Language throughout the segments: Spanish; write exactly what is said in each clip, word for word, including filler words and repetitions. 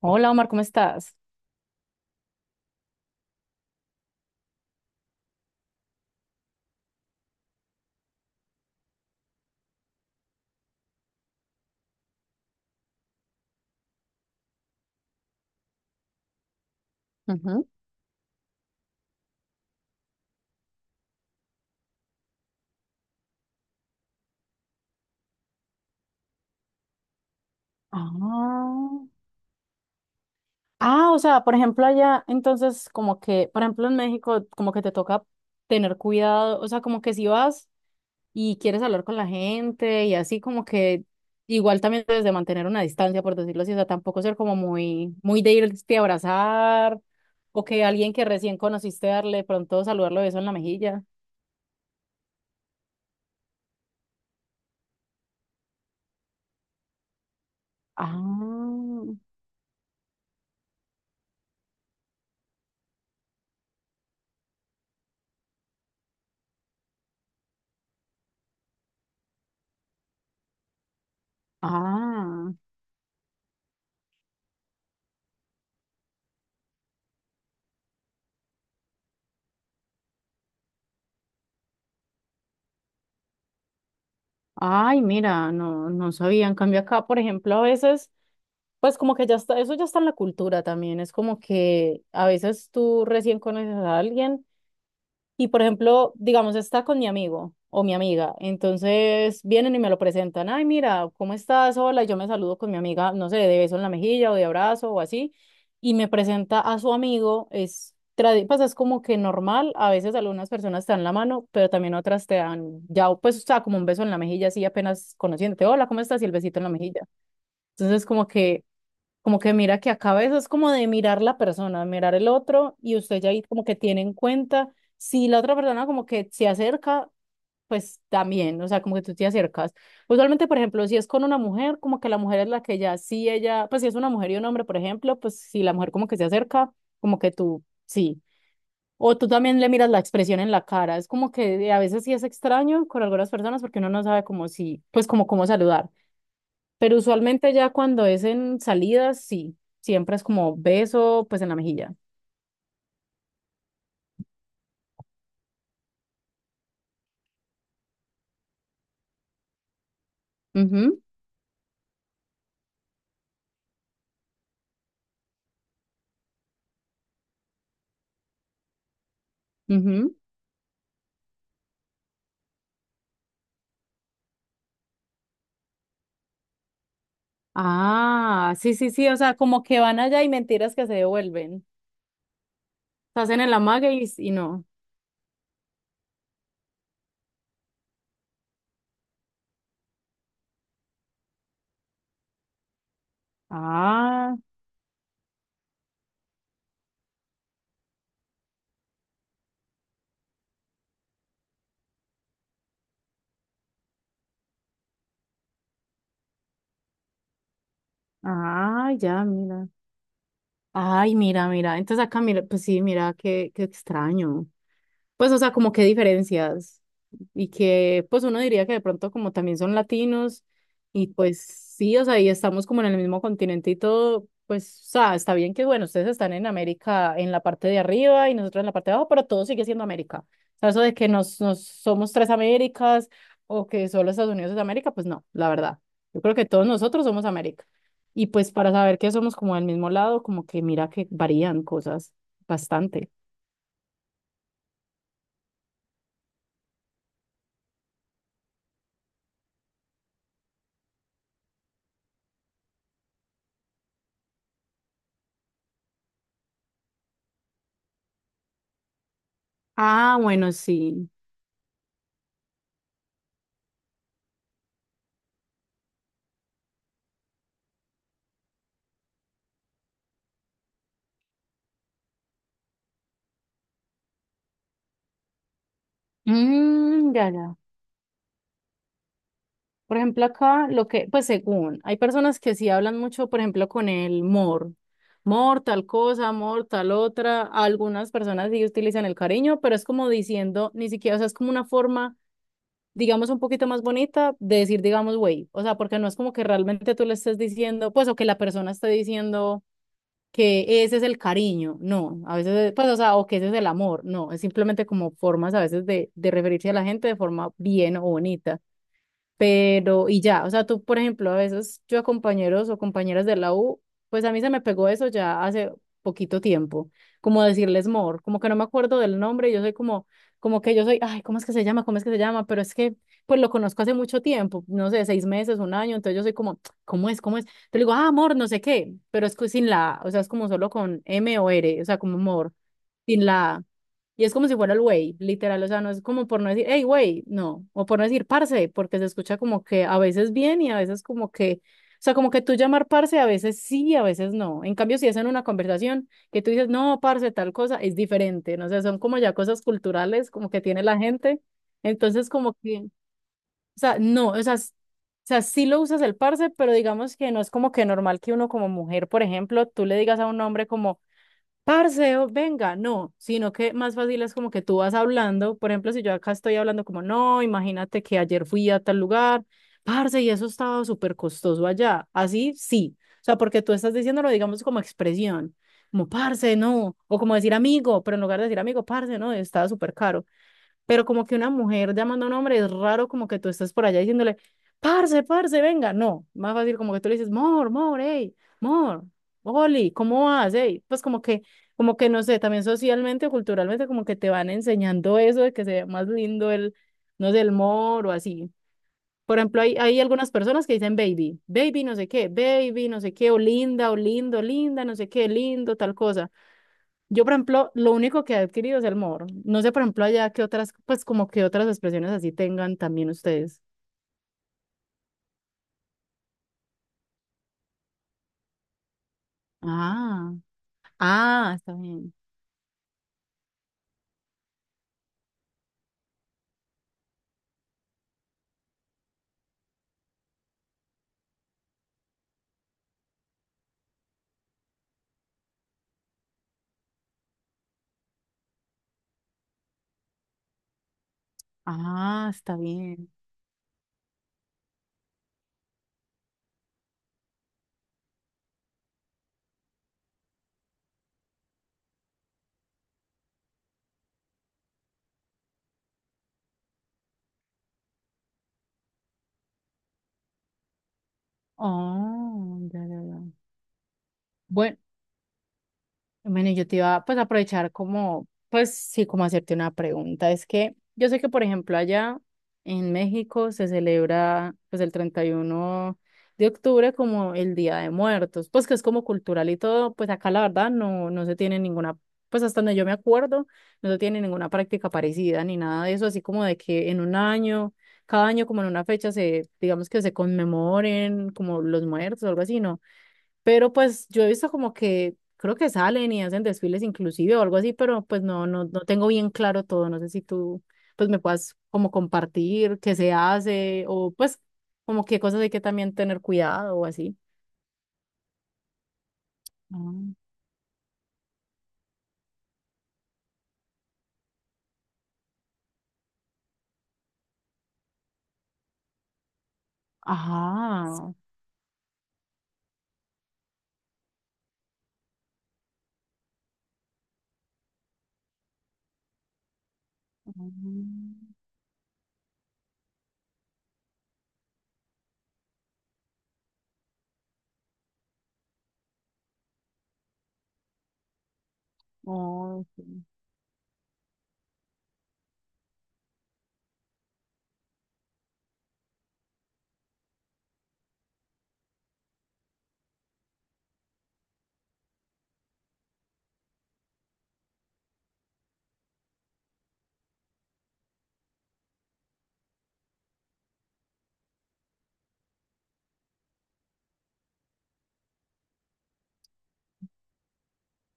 Hola Omar, ¿cómo estás? Ujú. Ah, ah, o sea, por ejemplo, allá, entonces, como que, por ejemplo, en México, como que te toca tener cuidado, o sea, como que si vas y quieres hablar con la gente y así, como que igual también debes de mantener una distancia, por decirlo así, o sea, tampoco ser como muy, muy de irte a abrazar o que alguien que recién conociste darle de pronto saludarlo beso en la mejilla. Ah, ah, ay, mira, no, no sabía. En cambio acá, por ejemplo, a veces. Pues como que ya está, eso ya está en la cultura también, es como que a veces tú recién conoces a alguien y, por ejemplo, digamos, está con mi amigo o mi amiga, entonces vienen y me lo presentan, ay, mira, ¿cómo estás? Hola, y yo me saludo con mi amiga, no sé, de beso en la mejilla o de abrazo o así, y me presenta a su amigo, es, tradi- pues es como que normal, a veces algunas personas te dan la mano, pero también otras te dan, ya, pues, o sea, como un beso en la mejilla, así apenas conociéndote, hola, ¿cómo estás? Y el besito en la mejilla. Entonces, como que como que mira que acaba eso es como de mirar la persona, mirar el otro, y usted ya ahí como que tiene en cuenta si la otra persona como que se acerca, pues también, o sea, como que tú te acercas. Usualmente, por ejemplo, si es con una mujer, como que la mujer es la que ya, si ella, pues si es una mujer y un hombre, por ejemplo, pues si la mujer como que se acerca, como que tú, sí. O tú también le miras la expresión en la cara, es como que a veces sí es extraño con algunas personas porque uno no sabe como si, pues como cómo saludar. Pero usualmente ya cuando es en salidas, sí, siempre es como beso, pues en la mejilla. Ujú, ujú. Ah, sí, sí, sí, o sea, como que van allá y mentiras que se devuelven. Se hacen en la maga, y, y no. Ah, ah, ya, mira. Ay, mira, mira. Entonces acá, mira, pues sí, mira, qué, qué extraño. Pues, o sea, como qué diferencias. Y que, pues, uno diría que de pronto como también son latinos, y pues sí, o sea, y estamos como en el mismo continente y todo, pues, o sea, está bien que, bueno, ustedes están en América en la parte de arriba y nosotros en la parte de abajo, pero todo sigue siendo América. O sea, eso de que nos, nos somos tres Américas o que solo Estados Unidos es América, pues no, la verdad. Yo creo que todos nosotros somos América. Y pues para saber que somos como del mismo lado, como que mira que varían cosas bastante. Ah, bueno, sí. Mm, ya, ya. Por ejemplo, acá lo que, pues según, hay personas que sí hablan mucho, por ejemplo, con el mor. Mor, tal cosa, mor, tal otra. Algunas personas sí utilizan el cariño, pero es como diciendo, ni siquiera, o sea, es como una forma, digamos, un poquito más bonita de decir, digamos, güey. O sea, porque no es como que realmente tú le estés diciendo, pues, o que la persona esté diciendo que ese es el cariño. No, a veces, pues, o sea, o que ese es el amor. No, es simplemente como formas a veces de, de referirse a la gente de forma bien o bonita. Pero y ya, o sea, tú, por ejemplo, a veces yo a compañeros o compañeras de la U, pues a mí se me pegó eso ya hace poquito tiempo, como decirles mor, como que no me acuerdo del nombre, yo soy como, como que yo soy, ay, ¿cómo es que se llama? ¿Cómo es que se llama? Pero es que, pues lo conozco hace mucho tiempo, no sé, seis meses, un año, entonces yo soy como, ¿cómo es? ¿Cómo es? Te digo, ah, amor, no sé qué, pero es que sin la A, o sea, es como solo con M o R, o sea, como mor, sin la A. Y es como si fuera el güey, literal, o sea, no es como por no decir, hey, güey, no, o por no decir parce, porque se escucha como que a veces bien y a veces como que, o sea, como que tú llamar parce a veces sí, a veces no. En cambio, si es en una conversación que tú dices, no, parce, tal cosa, es diferente, no sé, son como ya cosas culturales como que tiene la gente. Entonces, como que, o sea, no, o sea, s- o sea, sí lo usas el parce, pero digamos que no es como que normal que uno como mujer, por ejemplo, tú le digas a un hombre como parce, o venga, no, sino que más fácil es como que tú vas hablando, por ejemplo, si yo acá estoy hablando como, no, imagínate que ayer fui a tal lugar, parce, y eso estaba súper costoso allá, así sí, o sea, porque tú estás diciéndolo, digamos, como expresión, como, parce, no, o como decir amigo, pero en lugar de decir amigo, parce, no, estaba súper caro, pero como que una mujer llamando a un hombre es raro como que tú estás por allá diciéndole, parce, parce, venga, no, más fácil como que tú le dices, mor, mor, hey, mor, Oli, ¿cómo vas? ¿Hey? Pues como que, como que no sé, también socialmente o culturalmente como que te van enseñando eso de que se ve más lindo el, no sé, el mor o así. Por ejemplo, hay, hay algunas personas que dicen baby, baby no sé qué, baby no sé qué, o linda, o lindo, linda, no sé qué, lindo, tal cosa. Yo, por ejemplo, lo único que he adquirido es el mor. No sé, por ejemplo, allá qué otras, pues como que otras expresiones así tengan también ustedes. Ah, ah, está bien. Ah, está bien. Oh, ya, ya, ya. Bue- Bueno, yo te iba pues a aprovechar como, pues sí, como hacerte una pregunta. Es que yo sé que, por ejemplo, allá en México se celebra pues el treinta y uno de octubre como el Día de Muertos, pues que es como cultural y todo, pues acá la verdad no, no se tiene ninguna, pues hasta donde yo me acuerdo, no se tiene ninguna práctica parecida ni nada de eso, así como de que en un año, cada año como en una fecha se, digamos que se conmemoren como los muertos o algo así, ¿no? Pero pues yo he visto como que creo que salen y hacen desfiles inclusive o algo así, pero pues no, no, no tengo bien claro todo. No sé si tú pues me puedas como compartir qué se hace o pues como qué cosas hay que también tener cuidado o así. Mm. Ajá. Mm. Oh, sí.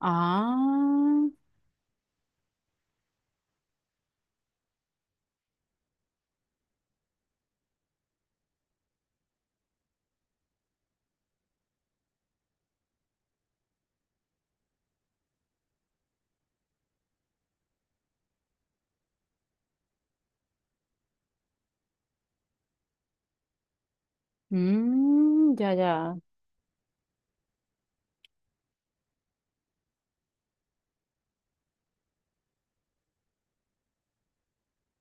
Ah, mm, ya, ya.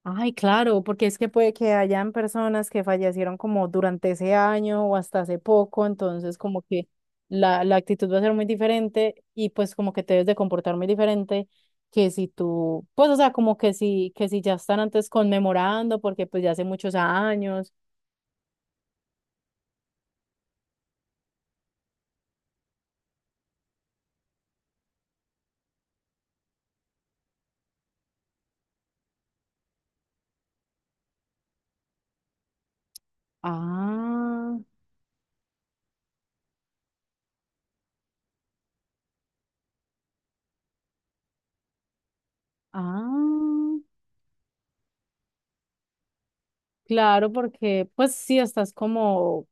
Ay, claro, porque es que puede que hayan personas que fallecieron como durante ese año o hasta hace poco, entonces como que la, la actitud va a ser muy diferente y pues como que te debes de comportar muy diferente que si tú, pues o sea, como que si, que si ya están antes conmemorando porque pues ya hace muchos años. Ah, ah, claro, porque pues sí estás como,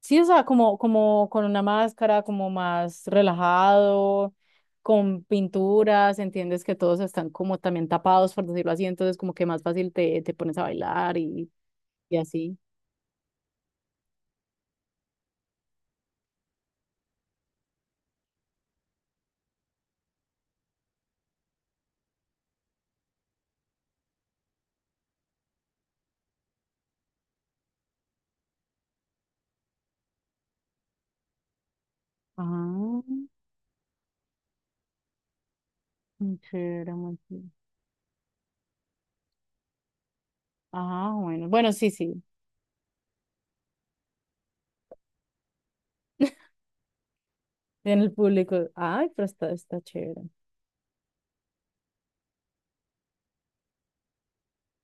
sí, o sea, como, como, con una máscara, como más relajado, con pinturas, entiendes que todos están como también tapados, por decirlo así, entonces como que más fácil te, te pones a bailar, y, y así. Ah, muy chévere, muy chévere. Ah, bueno, bueno, sí, sí, en el público. Ay, pero está, está chévere.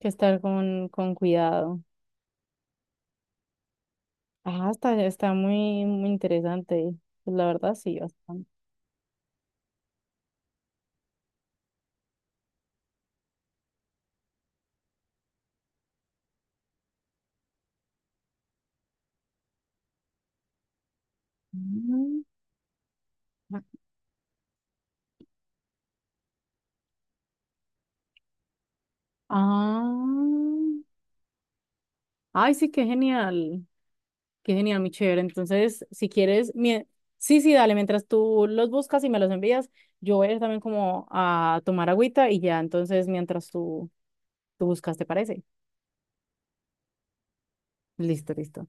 Que estar con, con cuidado. Ah, está, está muy, muy interesante. Pues la verdad, sí, bastante. Mm. Ah. Ay, sí, qué genial, qué genial, mi chévere. Entonces, si quieres, mie- sí, sí, dale, mientras tú los buscas y me los envías, yo voy a ir también como a tomar agüita y ya, entonces, mientras tú, tú, buscas, ¿te parece? Listo, listo.